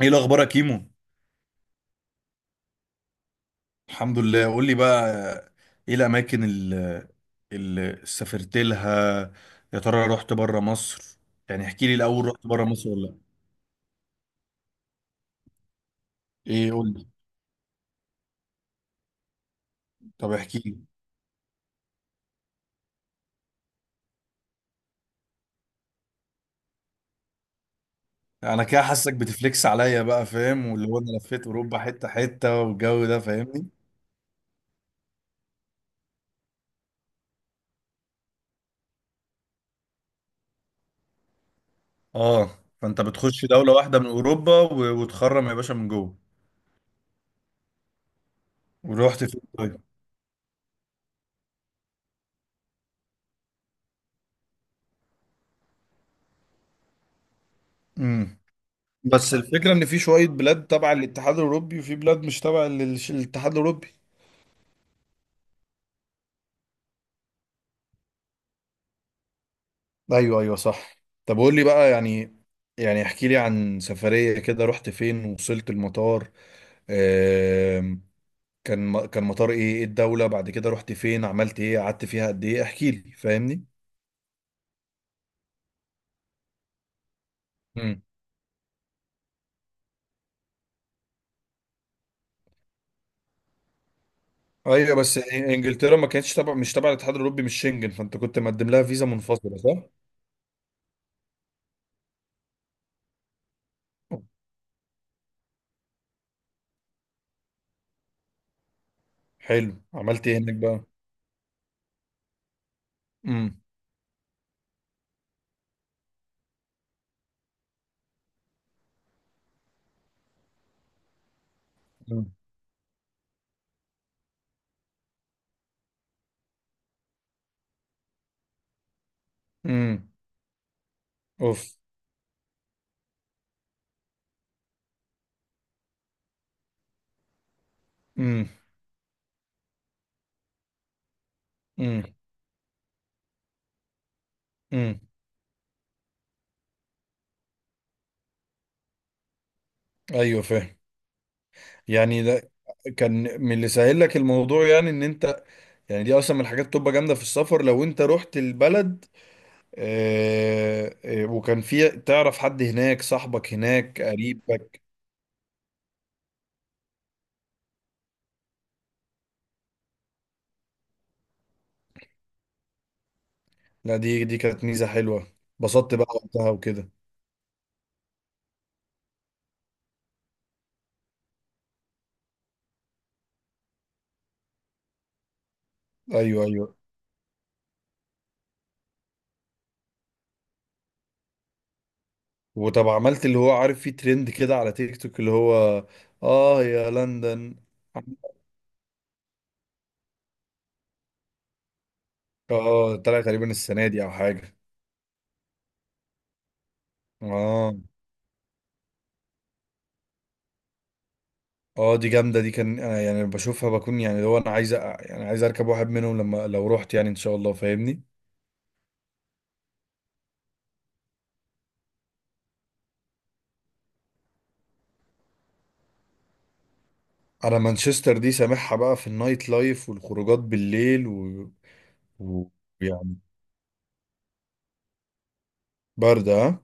ايه الاخبار يا كيمو؟ الحمد لله. قول لي بقى، ايه الاماكن اللي سافرت لها؟ يا ترى رحت بره مصر؟ يعني احكي لي الاول، رحت بره مصر ولا لا؟ ايه قول لي. طب احكي لي. انا كده حاسك بتفليكس عليا بقى، فاهم؟ واللي هو انا لفيت اوروبا حته حته والجو ده، فاهمني؟ اه. فانت بتخش دوله واحده من اوروبا وتخرم يا باشا من جوه. ورحت فين طيب؟ امم بس الفكرة إن في شوية بلاد تبع الاتحاد الأوروبي وفي بلاد مش تبع الاتحاد الأوروبي. ايوه ايوه صح. طب قول لي بقى، يعني يعني احكي لي عن سفرية كده، رحت فين؟ وصلت المطار، آم، كان مطار ايه؟ ايه الدولة؟ بعد كده رحت فين؟ عملت ايه؟ قعدت فيها قد ايه؟ احكي لي فاهمني. مم. ايوه بس انجلترا ما كانتش تبع، مش تبع الاتحاد الاوروبي، مش شنجن، فانت كنت مقدم لها فيزا منفصلة صح؟ حلو عملت ايه هناك بقى؟ امم. امم. امم. اوف. امم. امم. امم. ايوه فاهم. يعني ده كان من اللي سهل لك الموضوع، يعني ان انت يعني دي اصلا من الحاجات بتبقى جامده في السفر لو انت رحت البلد. وكان في تعرف حد هناك؟ صاحبك هناك؟ قريبك؟ لا، دي كانت ميزه حلوه. اتبسطت بقى وقتها وكده. ايوه ايوه. وطب عملت اللي هو عارف فيه ترند كده على تيك توك، اللي هو اه يا لندن؟ اه طلع تقريبا السنه دي او حاجه. اه اه، دي جامده. دي كان أنا يعني بشوفها، بكون يعني لو انا عايز يعني عايز اركب واحد منهم لما لو رحت، يعني ان شاء الله فاهمني. انا مانشستر دي سامعها بقى في النايت لايف والخروجات بالليل و... يعني برد ها؟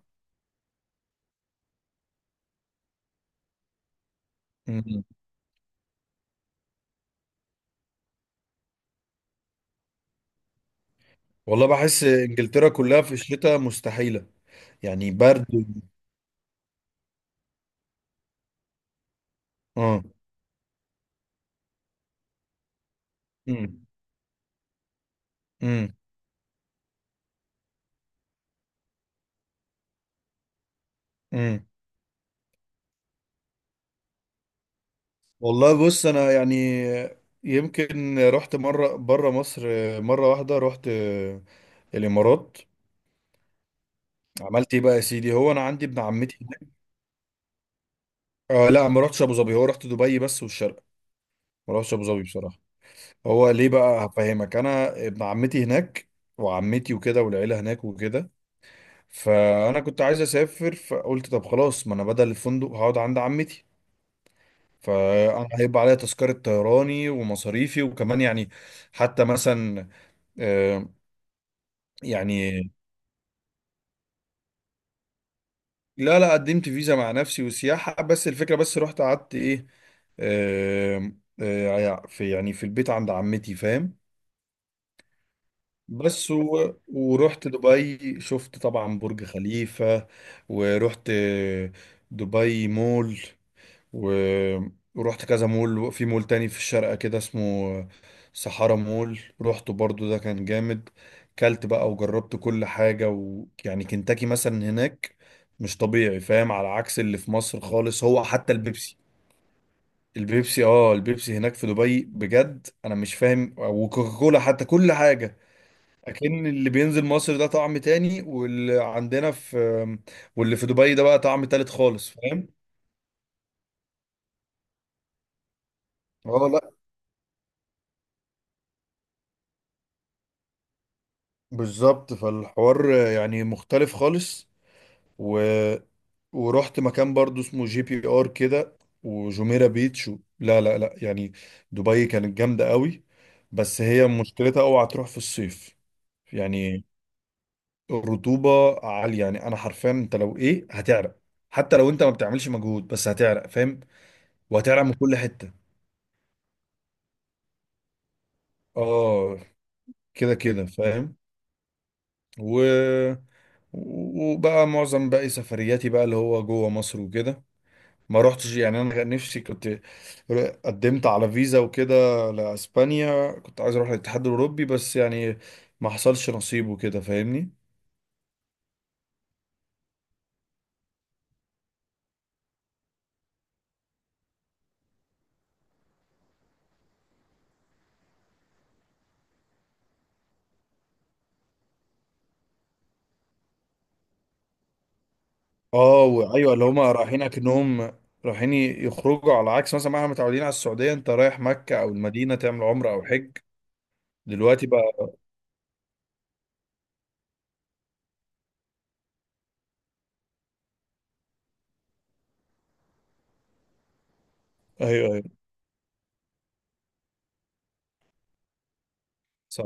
مم. والله بحس انجلترا كلها في الشتاء مستحيله. يعني برد. اه. مم. مم. مم. والله بص انا يعني يمكن رحت مره بره مصر. مره واحده رحت الامارات. عملت ايه بقى يا سيدي؟ هو انا عندي ابن عمتي. آه لا، ما رحتش ابو ظبي، هو رحت دبي بس، والشرق ما رحتش ابو ظبي بصراحه. هو ليه بقى هفهمك، انا ابن عمتي هناك وعمتي وكده والعيله هناك وكده، فانا كنت عايز اسافر فقلت طب خلاص، ما انا بدل الفندق هقعد عند عمتي. فانا هيبقى عليا تذكره طيراني ومصاريفي وكمان يعني، حتى مثلا آه يعني. لا لا، قدمت فيزا مع نفسي وسياحه، بس الفكره بس رحت قعدت ايه؟ آه آه، يعني في يعني في البيت عند عمتي فاهم. بس ورحت دبي شفت طبعا برج خليفة. ورحت دبي مول و... ورحت كذا مول، في مول تاني في الشارقة كده اسمه سحارة مول، رحته برضو ده كان جامد. كلت بقى وجربت كل حاجة ويعني كنتاكي مثلا هناك مش طبيعي فاهم، على عكس اللي في مصر خالص. هو حتى البيبسي، البيبسي اه، البيبسي هناك في دبي بجد انا مش فاهم، وكوكاكولا حتى كل حاجة. اكن اللي بينزل مصر ده طعم تاني، واللي عندنا في واللي في دبي ده بقى طعم تالت خالص فاهم؟ اه لا بالظبط، فالحوار يعني مختلف خالص. و... ورحت مكان برضو اسمه جي بي ار كده، وجميرة بيتش لا لا لا، يعني دبي كانت جامدة قوي. بس هي مشكلتها اوعى تروح في الصيف يعني. الرطوبة عالية، يعني انا حرفيا انت لو ايه هتعرق، حتى لو انت ما بتعملش مجهود بس هتعرق فاهم؟ وهتعرق من كل حتة. اه كده كده فاهم. و وبقى معظم باقي سفرياتي بقى اللي هو جوه مصر وكده، ما روحتش يعني. انا كان نفسي كنت قدمت على فيزا وكده لاسبانيا، كنت عايز اروح الاتحاد الاوروبي بس يعني ما حصلش نصيب وكده فاهمني. اه، وايوه اللي هما رايحين اكنهم رايحين يخرجوا، على عكس مثلا ما احنا متعودين على السعوديه، انت رايح مكه او المدينه تعمل عمره او حج. دلوقتي بقى. ايوه ايوه صح.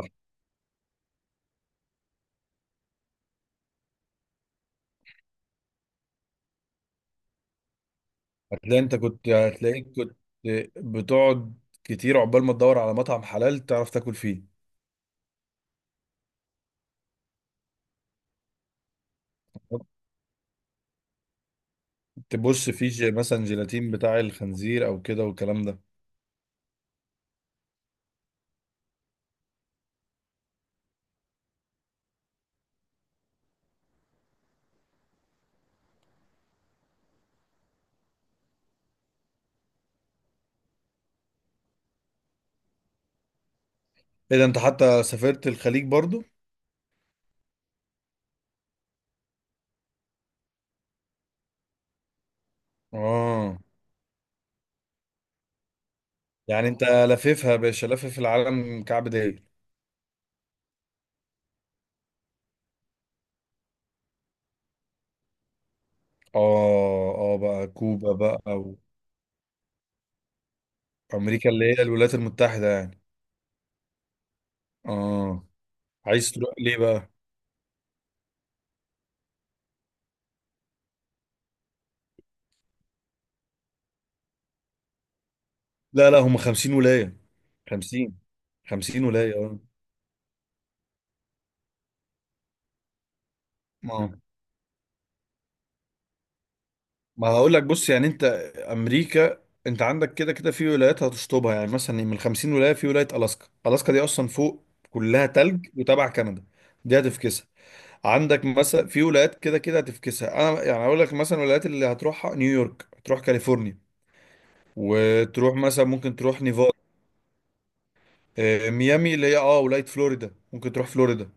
هتلاقي انت كنت هتلاقيك كنت بتقعد كتير عقبال ما تدور على مطعم حلال تعرف تاكل فيه. تبص فيه مثلا جيلاتين بتاع الخنزير او كده والكلام ده. ايه ده انت حتى سافرت الخليج برضو؟ اه يعني انت لفيفها يا باشا، لفف العالم كعب داير. اه اه بقى كوبا بقى. وامريكا اللي هي الولايات المتحدة يعني. اه. عايز تروح ليه بقى؟ لا لا، هم 50 ولاية. 50. 50 ولاية. اه ما هقول لك بص، يعني انت امريكا انت عندك كده كده في ولايات هتشطبها، يعني مثلا من 50 ولايه في ولايه الاسكا، الاسكا دي اصلا فوق كلها تلج وتبع كندا، دي هتفكسها. عندك مثلا في ولايات كده كده هتفكسها. انا يعني اقول لك مثلا الولايات اللي هتروحها نيويورك، هتروح كاليفورنيا، وتروح مثلا ممكن تروح نيفادا. ميامي اللي هي اه ولايه فلوريدا، ممكن تروح فلوريدا.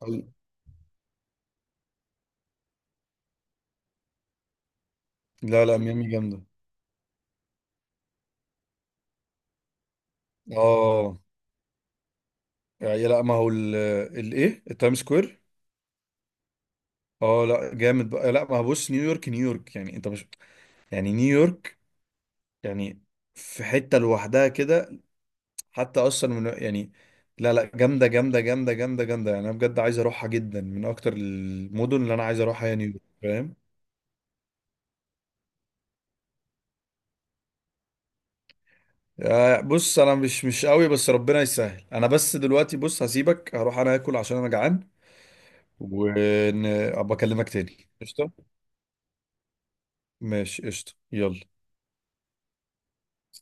حقيقي. لا لا ميامي جامده. اه، يعني لا ما هو الايه التايم سكوير. اه لا جامد بقى. لا ما هو بص، نيويورك نيويورك يعني انت مش يعني نيويورك يعني في حتة لوحدها كده، حتى اصلا من يعني لا لا، جامدة جامدة جامدة جامدة جامدة يعني. انا بجد عايز اروحها جدا، من اكتر المدن اللي انا عايز اروحها هي نيويورك فاهم؟ آه، بص انا مش مش قوي بس ربنا يسهل، انا بس دلوقتي بص هسيبك، هروح انا اكل عشان انا جعان، وابقى اكلمك تاني قشطة. ماشي قشطة يلا.